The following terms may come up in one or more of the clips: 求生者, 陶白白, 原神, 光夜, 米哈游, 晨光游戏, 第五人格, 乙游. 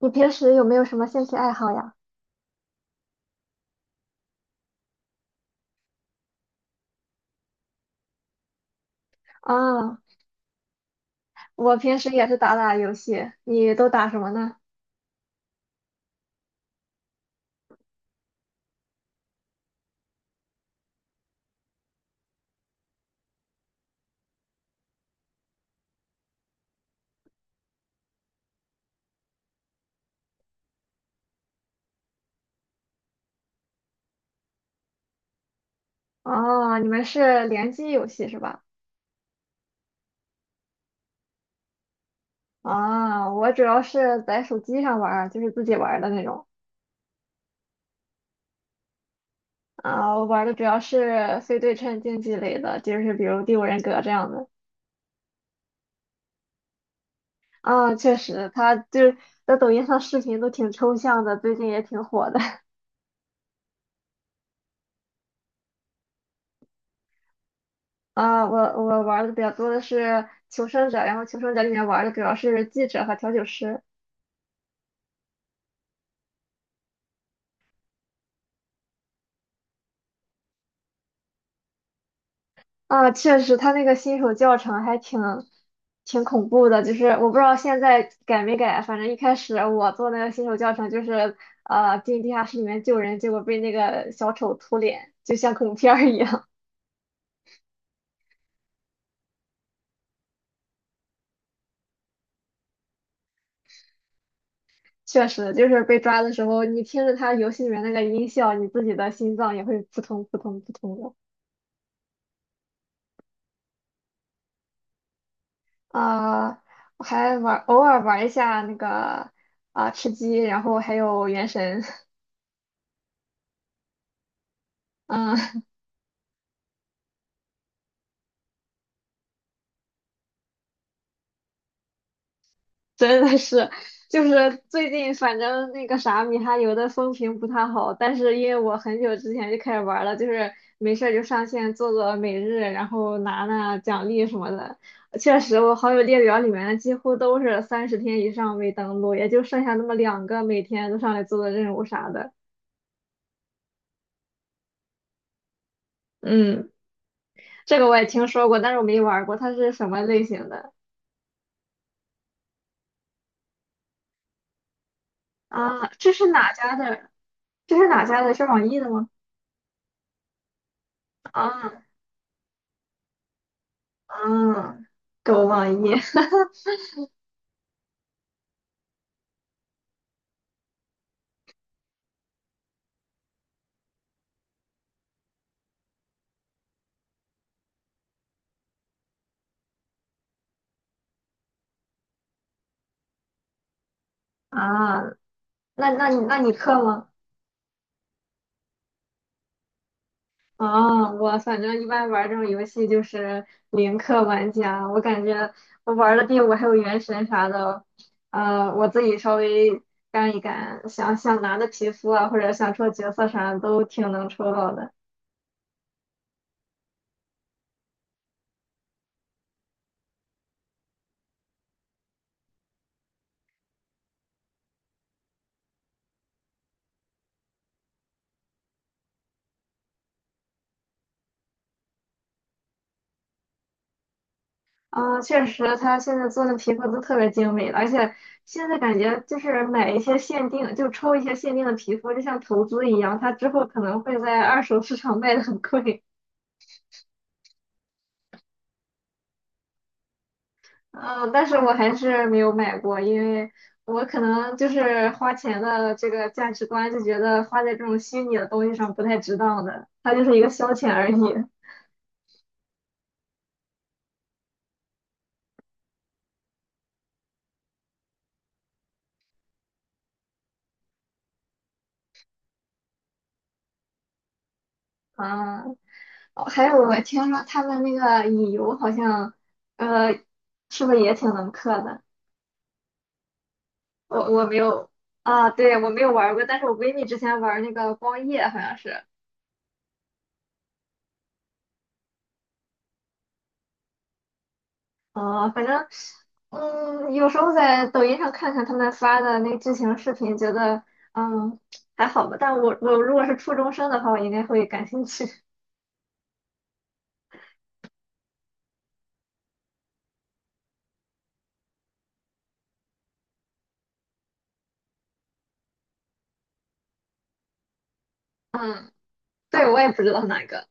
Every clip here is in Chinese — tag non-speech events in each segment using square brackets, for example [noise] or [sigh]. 你平时有没有什么兴趣爱好呀？啊，我平时也是打打游戏，你都打什么呢？哦，你们是联机游戏是吧？啊，我主要是在手机上玩儿，就是自己玩儿的那种。啊，我玩儿的主要是非对称竞技类的，就是比如《第五人格》这样的。啊，确实，他就是在抖音上视频都挺抽象的，最近也挺火的。[laughs] 啊，我玩儿的比较多的是《求生者》，然后《求生者》里面玩儿的主要是记者和调酒师。啊，确实，他那个新手教程还挺恐怖的，就是我不知道现在改没改，反正一开始我做那个新手教程就是进地下室里面救人，结果被那个小丑秃脸，就像恐怖片儿一样。确实，就是被抓的时候，你听着他游戏里面那个音效，你自己的心脏也会扑通扑通扑通的。啊、我偶尔玩一下那个吃鸡，然后还有原神。[laughs] 嗯。真的是，就是最近反正那个啥米哈游的风评不太好，但是因为我很久之前就开始玩了，就是没事儿就上线做做每日，然后拿拿奖励什么的。确实，我好友列表里面几乎都是30天以上未登录，也就剩下那么两个每天都上来做做任务啥的。嗯，这个我也听说过，但是我没玩过，它是什么类型的？啊，这是哪家的？这是哪家的？是网易的吗？啊啊，狗网易。[laughs] 啊，那你氪吗？啊，我反正一般玩这种游戏就是零氪玩家，我感觉我玩的第五还有原神啥的，我自己稍微干一干，想想拿的皮肤啊，或者想抽角色啥的都挺能抽到的。啊，确实，他现在做的皮肤都特别精美了，而且现在感觉就是买一些限定，就抽一些限定的皮肤，就像投资一样，他之后可能会在二手市场卖的很贵。嗯，但是我还是没有买过，因为我可能就是花钱的这个价值观就觉得花在这种虚拟的东西上不太值当的，它就是一个消遣而已。啊，哦，还有我听说他们那个乙游好像，呃，是不是也挺能氪的？我没有。啊，对，我没有玩儿过，但是我闺蜜之前玩儿那个光夜好像是。啊，反正，有时候在抖音上看看他们发的那剧情视频，觉得嗯，还好吧。但我如果是初中生的话，我应该会感兴趣。嗯。 [laughs]，对，我也不知道哪个。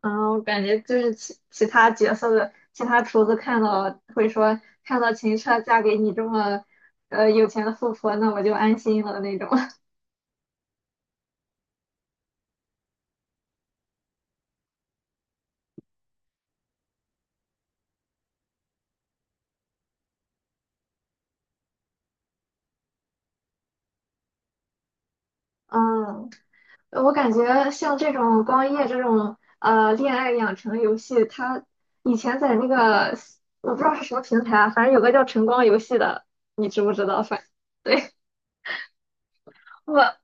嗯，我感觉就是其他角色的其他厨子看到会说，看到秦彻嫁给你这么有钱的富婆，那我就安心了那种。[laughs] 嗯。我感觉像这种光夜这种恋爱养成游戏，它以前在那个我不知道是什么平台啊，反正有个叫晨光游戏的，你知不知道？对。 [laughs] 我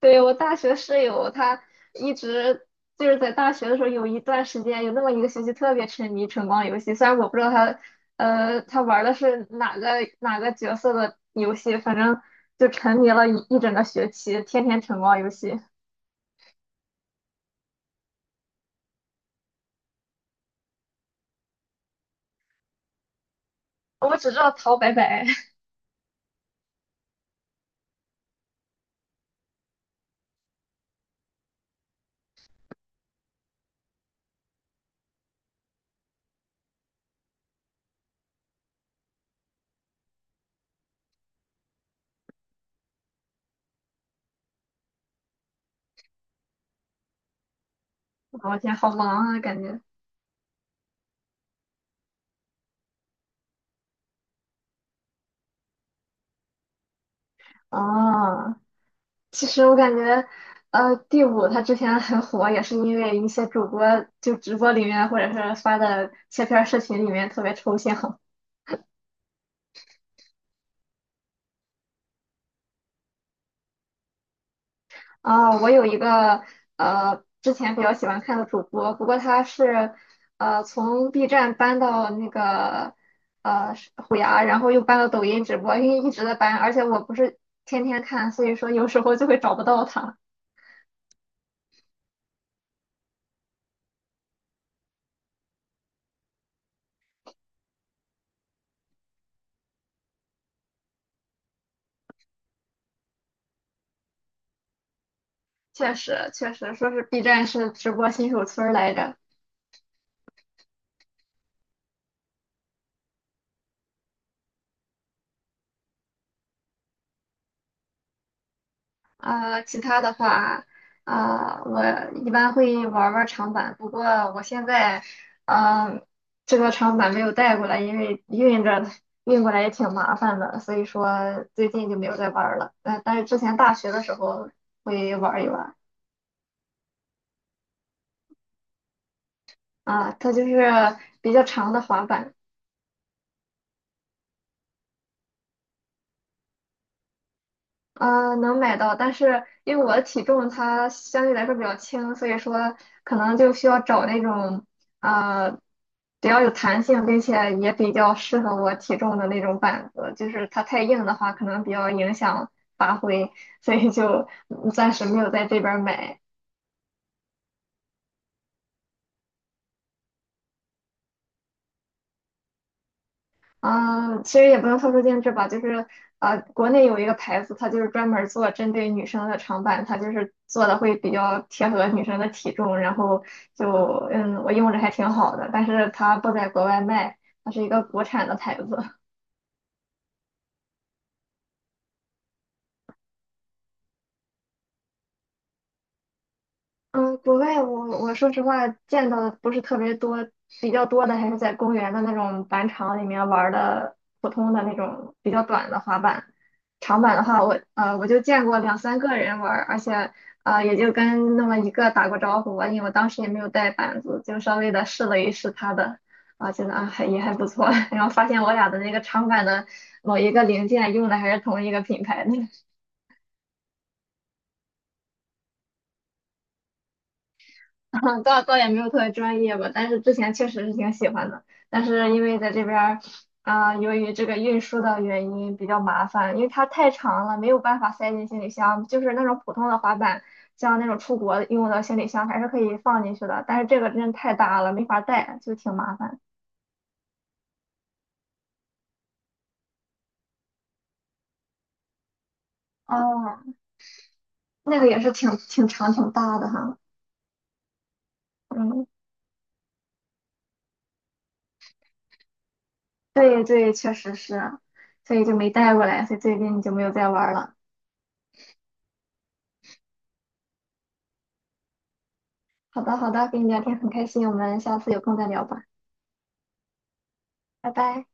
对我大学室友，她一直就是在大学的时候有一段时间，有那么一个学期特别沉迷晨光游戏，虽然我不知道他玩的是哪个角色的游戏，反正就沉迷了一整个学期，天天晨光游戏。我只知道陶白白。我天，好忙啊，感觉。啊，其实我感觉，第五他之前很火，也是因为一些主播就直播里面，或者是发的切片儿视频里面特别抽象。啊、我有一个之前比较喜欢看的主播，不过他是从 B 站搬到那个是虎牙，然后又搬到抖音直播，因为一直在搬，而且我不是天天看，所以说有时候就会找不到他。确实，确实说是 B 站是直播新手村儿来着。啊。其他的话，啊，我一般会玩儿玩儿长板，不过我现在呃，这个长板没有带过来，因为运过来也挺麻烦的，所以说最近就没有再玩儿了。但是之前大学的时候会玩儿一玩儿。啊，它就是比较长的滑板。能买到，但是因为我的体重它相对来说比较轻，所以说可能就需要找那种呃比较有弹性，并且也比较适合我体重的那种板子。就是它太硬的话，可能比较影响发挥，所以就暂时没有在这边儿买。嗯，其实也不用特殊定制吧，就是国内有一个牌子，它就是专门儿做针对女生的长板，它就是做的会比较贴合女生的体重，然后就我用着还挺好的，但是它不在国外卖，它是一个国产的牌子。嗯，国外我说实话见到的不是特别多，比较多的还是在公园的那种板场里面玩儿的普通的那种比较短的滑板。长板的话我就见过两三个人玩儿，而且也就跟那么一个打过招呼吧，因为我当时也没有带板子，就稍微的试了一试他的，觉得还也还不错。[laughs] 然后发现我俩的那个长板的某一个零件用的还是同一个品牌的。[laughs] 倒也没有特别专业吧，但是之前确实是挺喜欢的，但是因为在这边儿由于这个运输的原因比较麻烦，因为它太长了，没有办法塞进行李箱，就是那种普通的滑板，像那种出国用的行李箱还是可以放进去的，但是这个真的太大了，没法带，就挺麻烦。哦，那个也是挺长挺大的哈。嗯，对对，确实是，所以就没带过来，所以最近就没有再玩儿了。好的好的，跟你聊天很开心，我们下次有空再聊吧。拜拜。